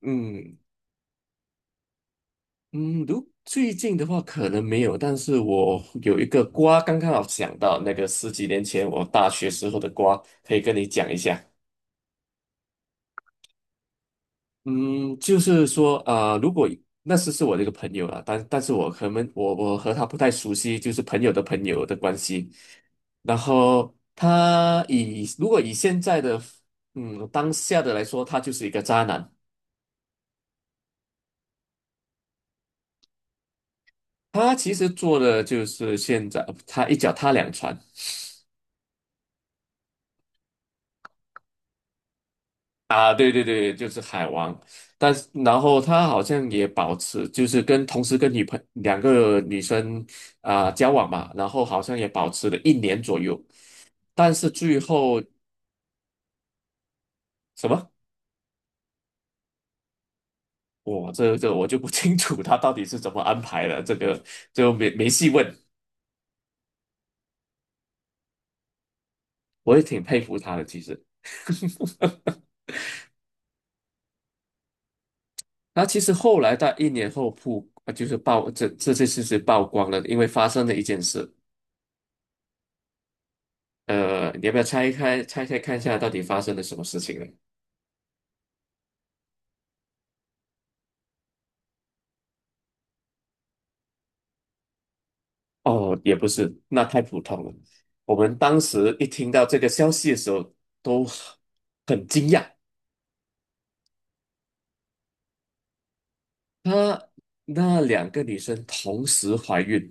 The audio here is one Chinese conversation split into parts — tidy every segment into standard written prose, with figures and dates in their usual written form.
嗯嗯，如最近的话可能没有，但是我有一个瓜，刚刚好想到那个十几年前我大学时候的瓜，可以跟你讲一下。嗯，就是说，那时是我的一个朋友了，但是我可能我我和他不太熟悉，就是朋友的朋友的关系。然后他以如果以现在的嗯当下的来说，他就是一个渣男。他其实做的就是现在他一脚踏两船。啊，对对对，就是海王，但是然后他好像也保持，就是同时跟两个女生啊、交往嘛，然后好像也保持了一年左右，但是最后什么，我这这我就不清楚他到底是怎么安排的，这个就没细问，我也挺佩服他的，其实。那其实后来在一年后曝，呃就是曝这这这事实曝光了，因为发生了一件事。你要不要拆开拆开看一下到底发生了什么事情呢？哦，也不是，那太普通了。我们当时一听到这个消息的时候，都很惊讶。她那两个女生同时怀孕，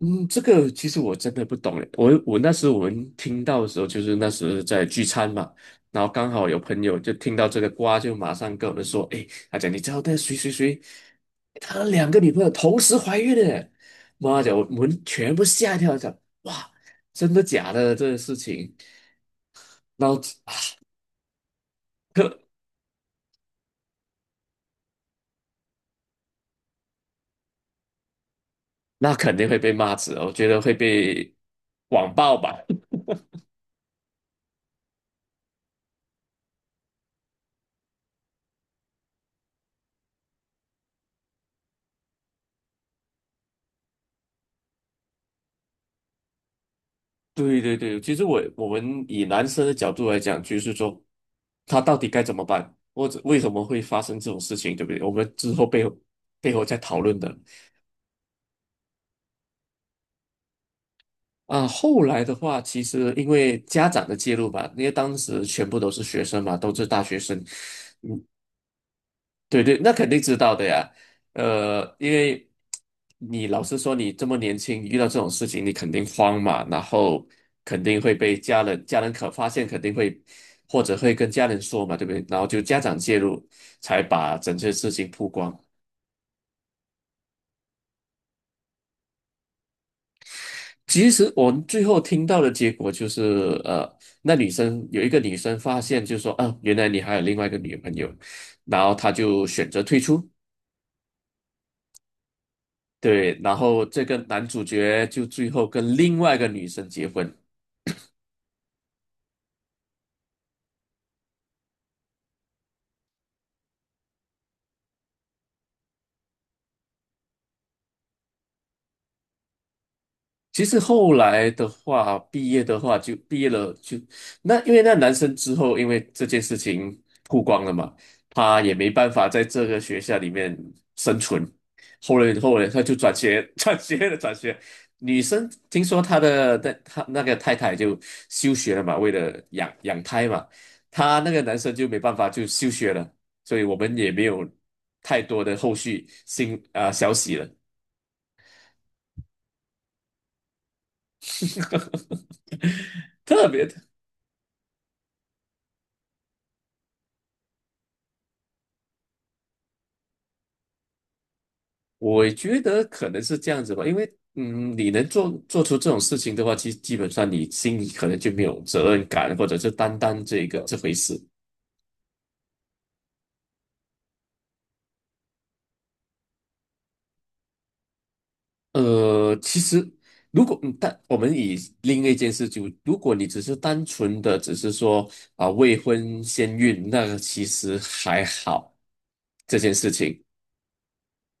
嗯，这个其实我真的不懂诶。那时我们听到的时候，就是那时在聚餐嘛，然后刚好有朋友就听到这个瓜，就马上跟我们说："诶，他讲你知道那谁谁谁，他两个女朋友同时怀孕了欸。"妈的，我们全部吓一跳，讲哇，真的假的这个事情？然后啊，呵那肯定会被骂死哦，我觉得会被网暴吧。对对对，其实我们以男生的角度来讲，就是说他到底该怎么办，或者为什么会发生这种事情，对不对？我们之后背后再讨论的啊。后来的话，其实因为家长的介入吧，因为当时全部都是学生嘛，都是大学生，对对，那肯定知道的呀。因为你老实说，你这么年轻，遇到这种事情，你肯定慌嘛，然后肯定会被家人可发现，肯定会或者会跟家人说嘛，对不对？然后就家长介入，才把整件事情曝光。其实我们最后听到的结果就是，呃，那女生有一个女生发现，就说，啊，原来你还有另外一个女朋友，然后她就选择退出。对，然后这个男主角就最后跟另外一个女生结婚，其实后来的话，毕业的话就毕业了就，那因为那男生之后，因为这件事情曝光了嘛，他也没办法在这个学校里面生存。后来他就转学，转学了，转学。女生听说他那个太太就休学了嘛，为了养胎嘛，他那个男生就没办法就休学了，所以我们也没有太多的后续消息了。特别我觉得可能是这样子吧，因为你能做出这种事情的话，其实基本上你心里可能就没有责任感，或者是担当这个这回事。其实如果嗯但我们以另一件事就，如果你只是单纯的说啊未婚先孕，那个其实还好，这件事情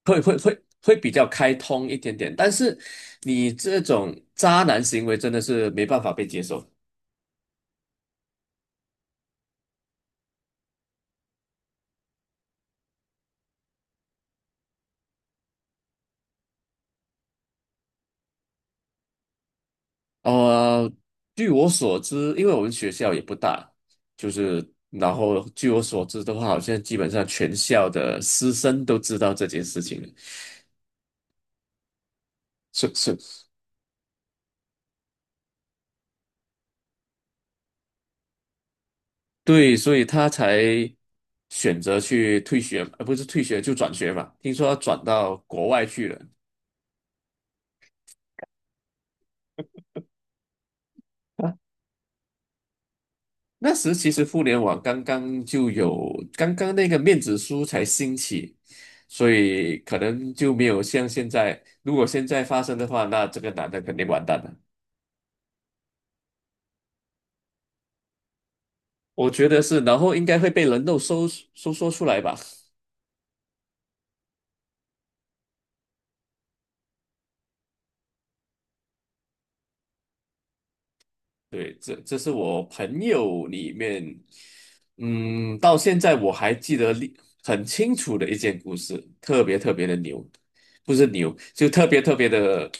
会比较开通一点点，但是你这种渣男行为真的是没办法被接受。呃，据我所知，因为我们学校也不大，就是然后据我所知的话，好像基本上全校的师生都知道这件事情了。是是，对，所以他才选择去退学，不是退学就转学嘛。听说他转到国外去了。啊，那时其实互联网刚刚就有，刚刚那个面子书才兴起，所以可能就没有像现在，如果现在发生的话，那这个男的肯定完蛋了。我觉得是，然后应该会被人肉搜索出来吧？对，这是我朋友里面，到现在我还记得很清楚的一件故事，特别特别的牛，不是牛，就特别特别的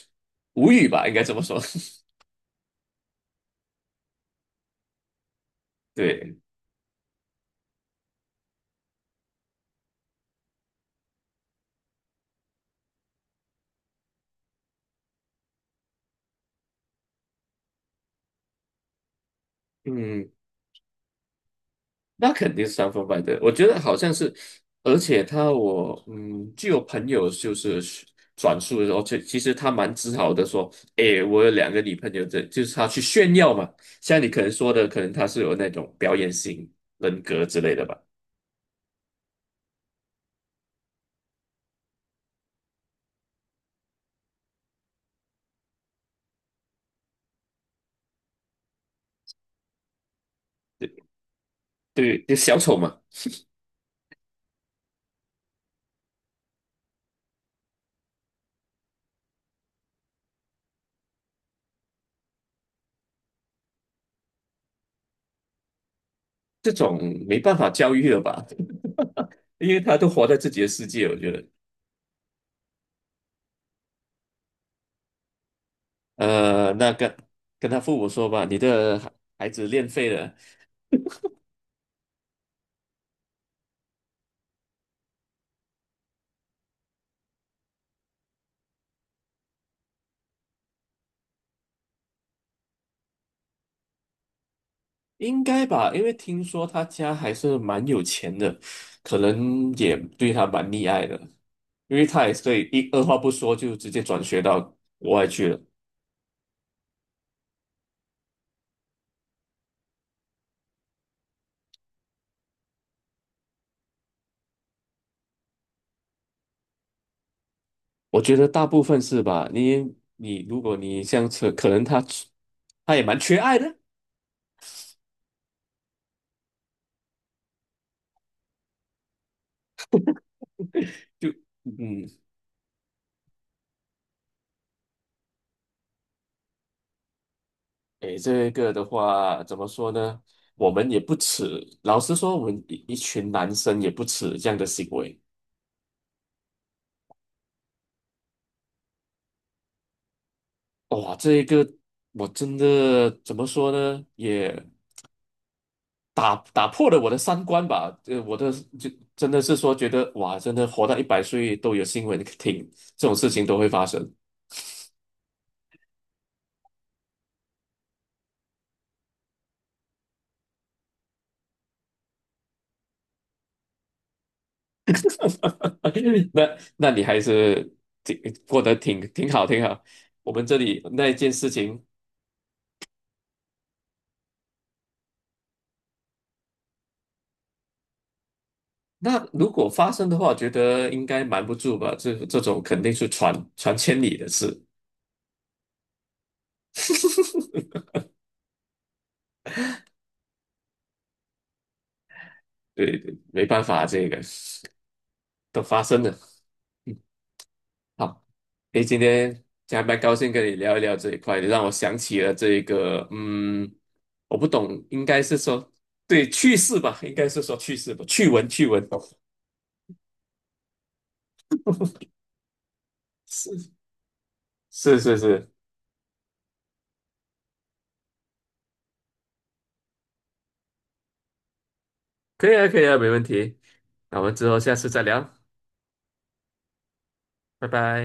无语吧，应该这么说。对，嗯，那肯定是三分半的，我觉得好像是，而且我据我朋友就是转述的时候，其实他蛮自豪的说，诶，我有两个女朋友这就是他去炫耀嘛。像你可能说的，可能他是有那种表演型人格之类的吧，对对，就小丑嘛，这种没办法教育了吧，因为他都活在自己的世界，我觉得，那跟他父母说吧，你的孩子练废了。应该吧，因为听说他家还是蛮有钱的，可能也对他蛮溺爱的，因为他也是对一二话不说就直接转学到国外去了。我觉得大部分是吧？你如果这样子，可能他也蛮缺爱的，就嗯嗯，诶，这个的话怎么说呢？我们也不耻，老实说，我们一群男生也不耻这样的行为。哇，这一个我真的怎么说呢？也。打破了我的三观吧，我的就真的是说觉得哇，真的活到100岁都有新闻听，这种事情都会发生。那你还是挺过得挺好，挺好。我们这里那一件事情，那如果发生的话，觉得应该瞒不住吧？这种肯定是传千里的事，对对，没办法，这个都发生了。嗯，好。诶，今天加蛮高兴跟你聊一聊这一块，你让我想起了这个，我不懂，应该是说对趣事吧，应该是说趣事吧，趣闻趣闻，是是是是，可以啊可以啊，没问题，那我们之后下次再聊，拜拜。